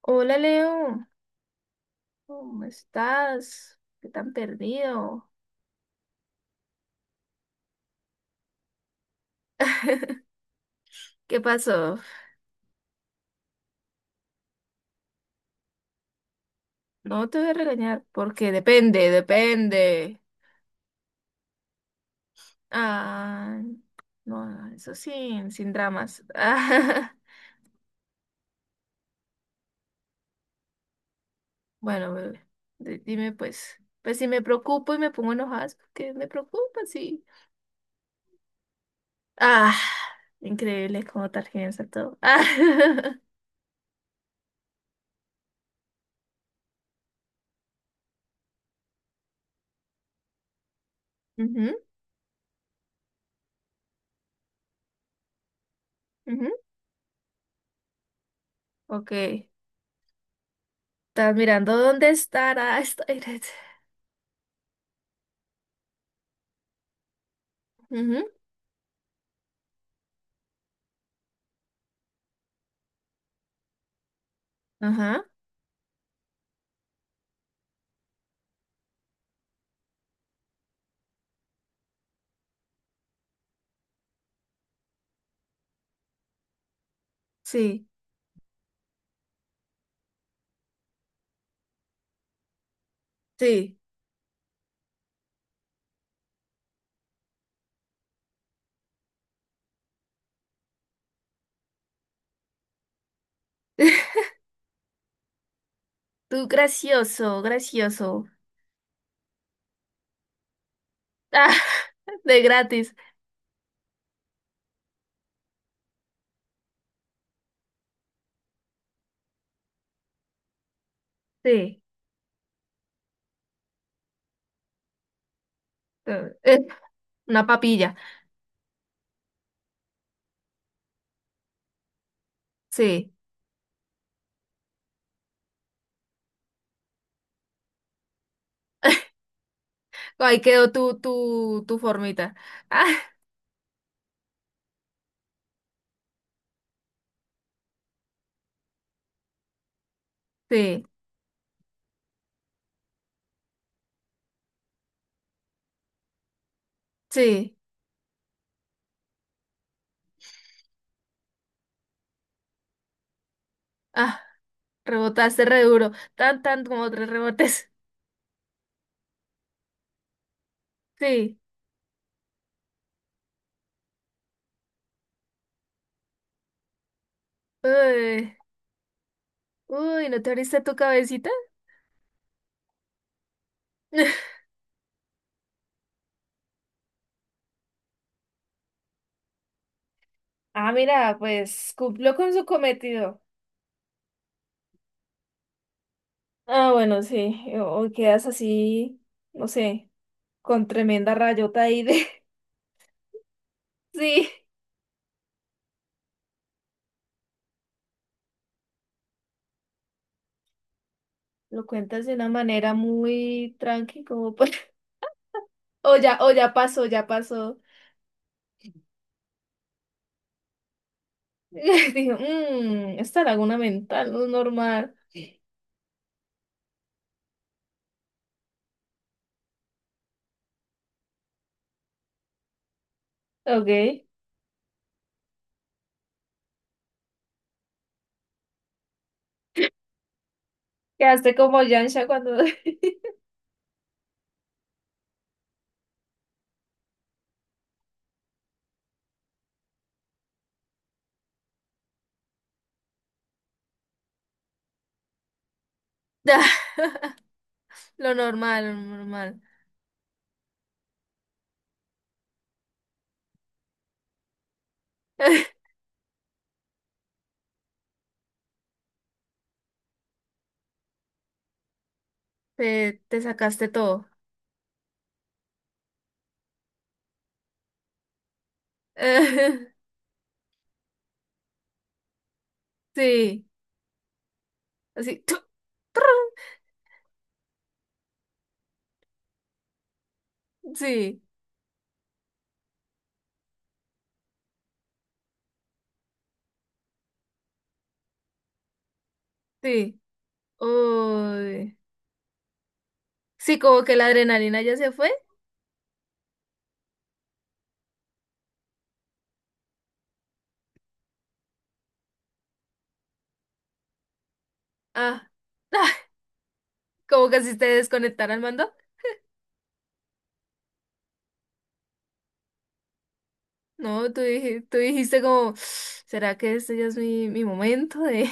Hola Leo, ¿cómo estás? ¿Qué tan perdido? ¿Qué pasó? No te voy a regañar porque depende, depende. Ah, no, no, eso sin dramas. Ah, bueno, bebé, dime pues, pues si me preocupo y me pongo enojada, es porque me preocupa, sí. Ah, increíble cómo tarjetas todo. Ah, ujú, ujú. Ok, estás mirando dónde estará. Ujú. Ajá, sí, sí. Tú gracioso, gracioso. Ah, de gratis. Sí. Eh, una papilla. Sí. Ahí quedó tu, tu formita. Ah, sí, sí. Ah, rebotaste re duro. Tan, tan como tres rebotes. Sí. Uy, uy, ¿no te abriste tu cabecita? Ah, mira, pues cumplió con su cometido. Ah, bueno, sí. O quedas así, no sé, con tremenda rayota ahí de. Sí. Lo cuentas de una manera muy tranqui, como pues. O ya, ya pasó. Dijo, esta laguna mental no es normal. Ok. Quedaste como Yansha cuando. Ah, lo normal, lo normal. Te sacaste todo. Sí, así. Sí, sí. Uy. Sí, como que la adrenalina ya se fue. Ah, ah, como que si te desconectara el mando. No, tú dijiste como, ¿será que este ya es mi, momento de?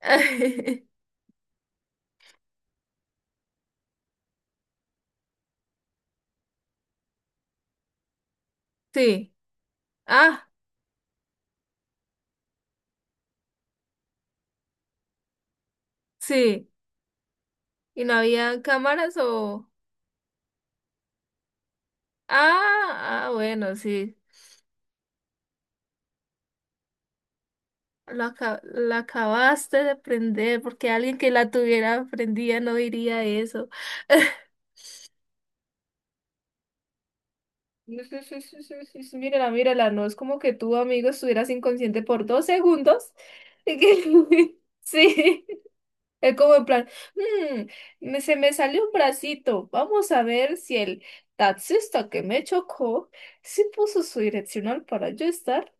Sí, ah, sí. ¿Y no había cámaras o? Ah, ah, bueno, sí. La acabaste de prender porque alguien que la tuviera prendida no diría eso. Sí, sí, sí, sí, sí, sí, sí, mírala, mírala, no es como que tu amigo estuvieras inconsciente por dos segundos. Sí. Es como en plan, "Mm, se me salió un bracito. Vamos a ver si el taxista que me chocó sí puso su direccional para yo estar.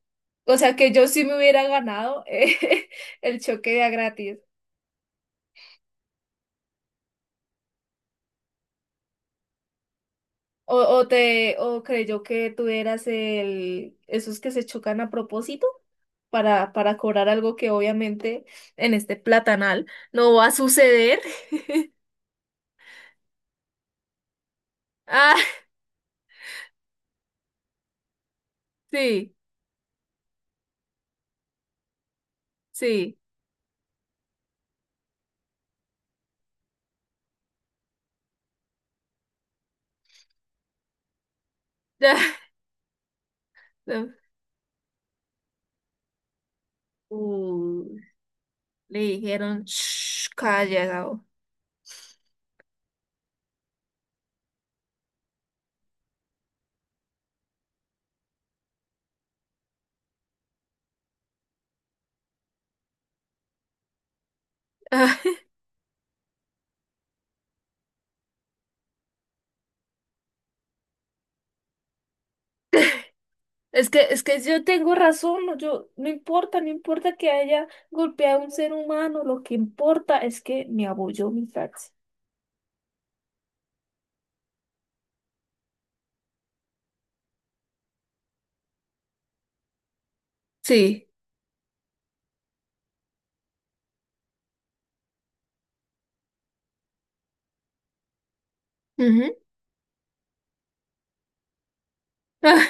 O sea que yo sí me hubiera ganado el choque de a gratis. O creyó que tú eras esos que se chocan a propósito para cobrar algo que obviamente en este platanal no va a suceder. Ah, sí, sí. Ya. No. Uy. Le dijeron, shh, calla, Gabo. Es que yo tengo razón, no, yo, no importa, no importa que haya golpeado a un ser humano, lo que importa es que me apoyó mi taxi. Sí. Ujú. Ah,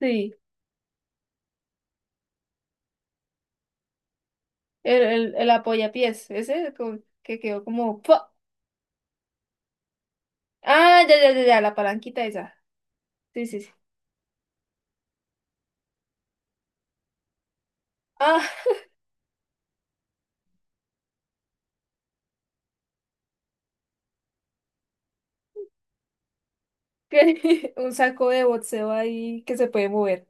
sí, el, el apoyapiés, ese que quedó como ¡fua! Ah, ya, ya, ya, ya, la palanquita esa. Sí, sí, sí. Ah, que un saco de boxeo ahí que se puede mover.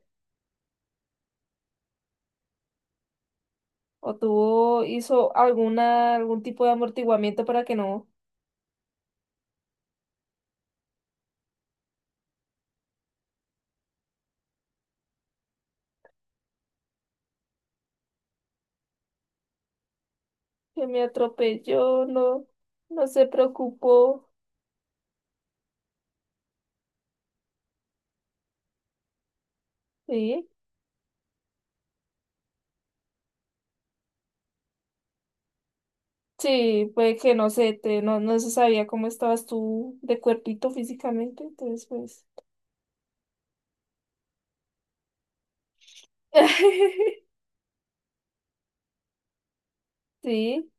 O tuvo, hizo algún tipo de amortiguamiento para que no que me atropelló, no, no se preocupó, ¿sí? Sí, pues que no sé, no, se sabía cómo estabas tú de cuerpito físicamente, entonces pues. Sí,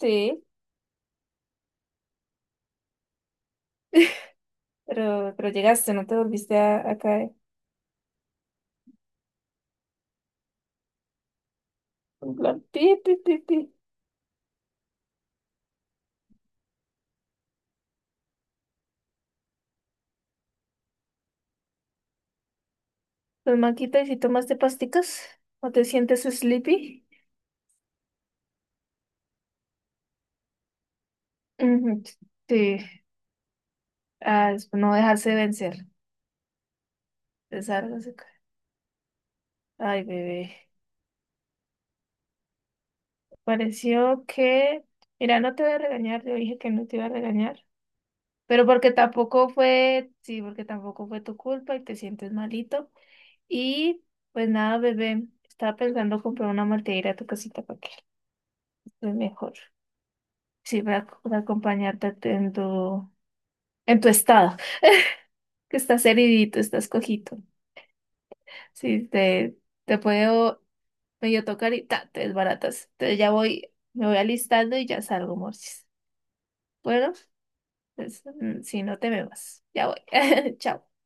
sí, pero llegaste, no te volviste a caer. En plan, pi, pi, pi, pi. Pues Maquita, ¿y si tomaste pasticas? ¿No te sientes sleepy? Ujú, sí, ah, es no dejarse vencer. Es algo Desárgase. Ay, bebé. Pareció que, mira, no te voy a regañar, yo dije que no te iba a regañar, pero porque tampoco fue, sí, porque tampoco fue tu culpa y te sientes malito. Y pues nada, bebé, estaba pensando comprar una malteira a tu casita para que estés mejor. Sí, para, para acompañarte en tu estado, que estás heridito, estás cojito. Sí, te puedo medio tocar y te desbaratas. Entonces ya voy, me voy alistando y ya salgo, Morsis. Bueno. Entonces, si no te me vas, ya voy. Chao.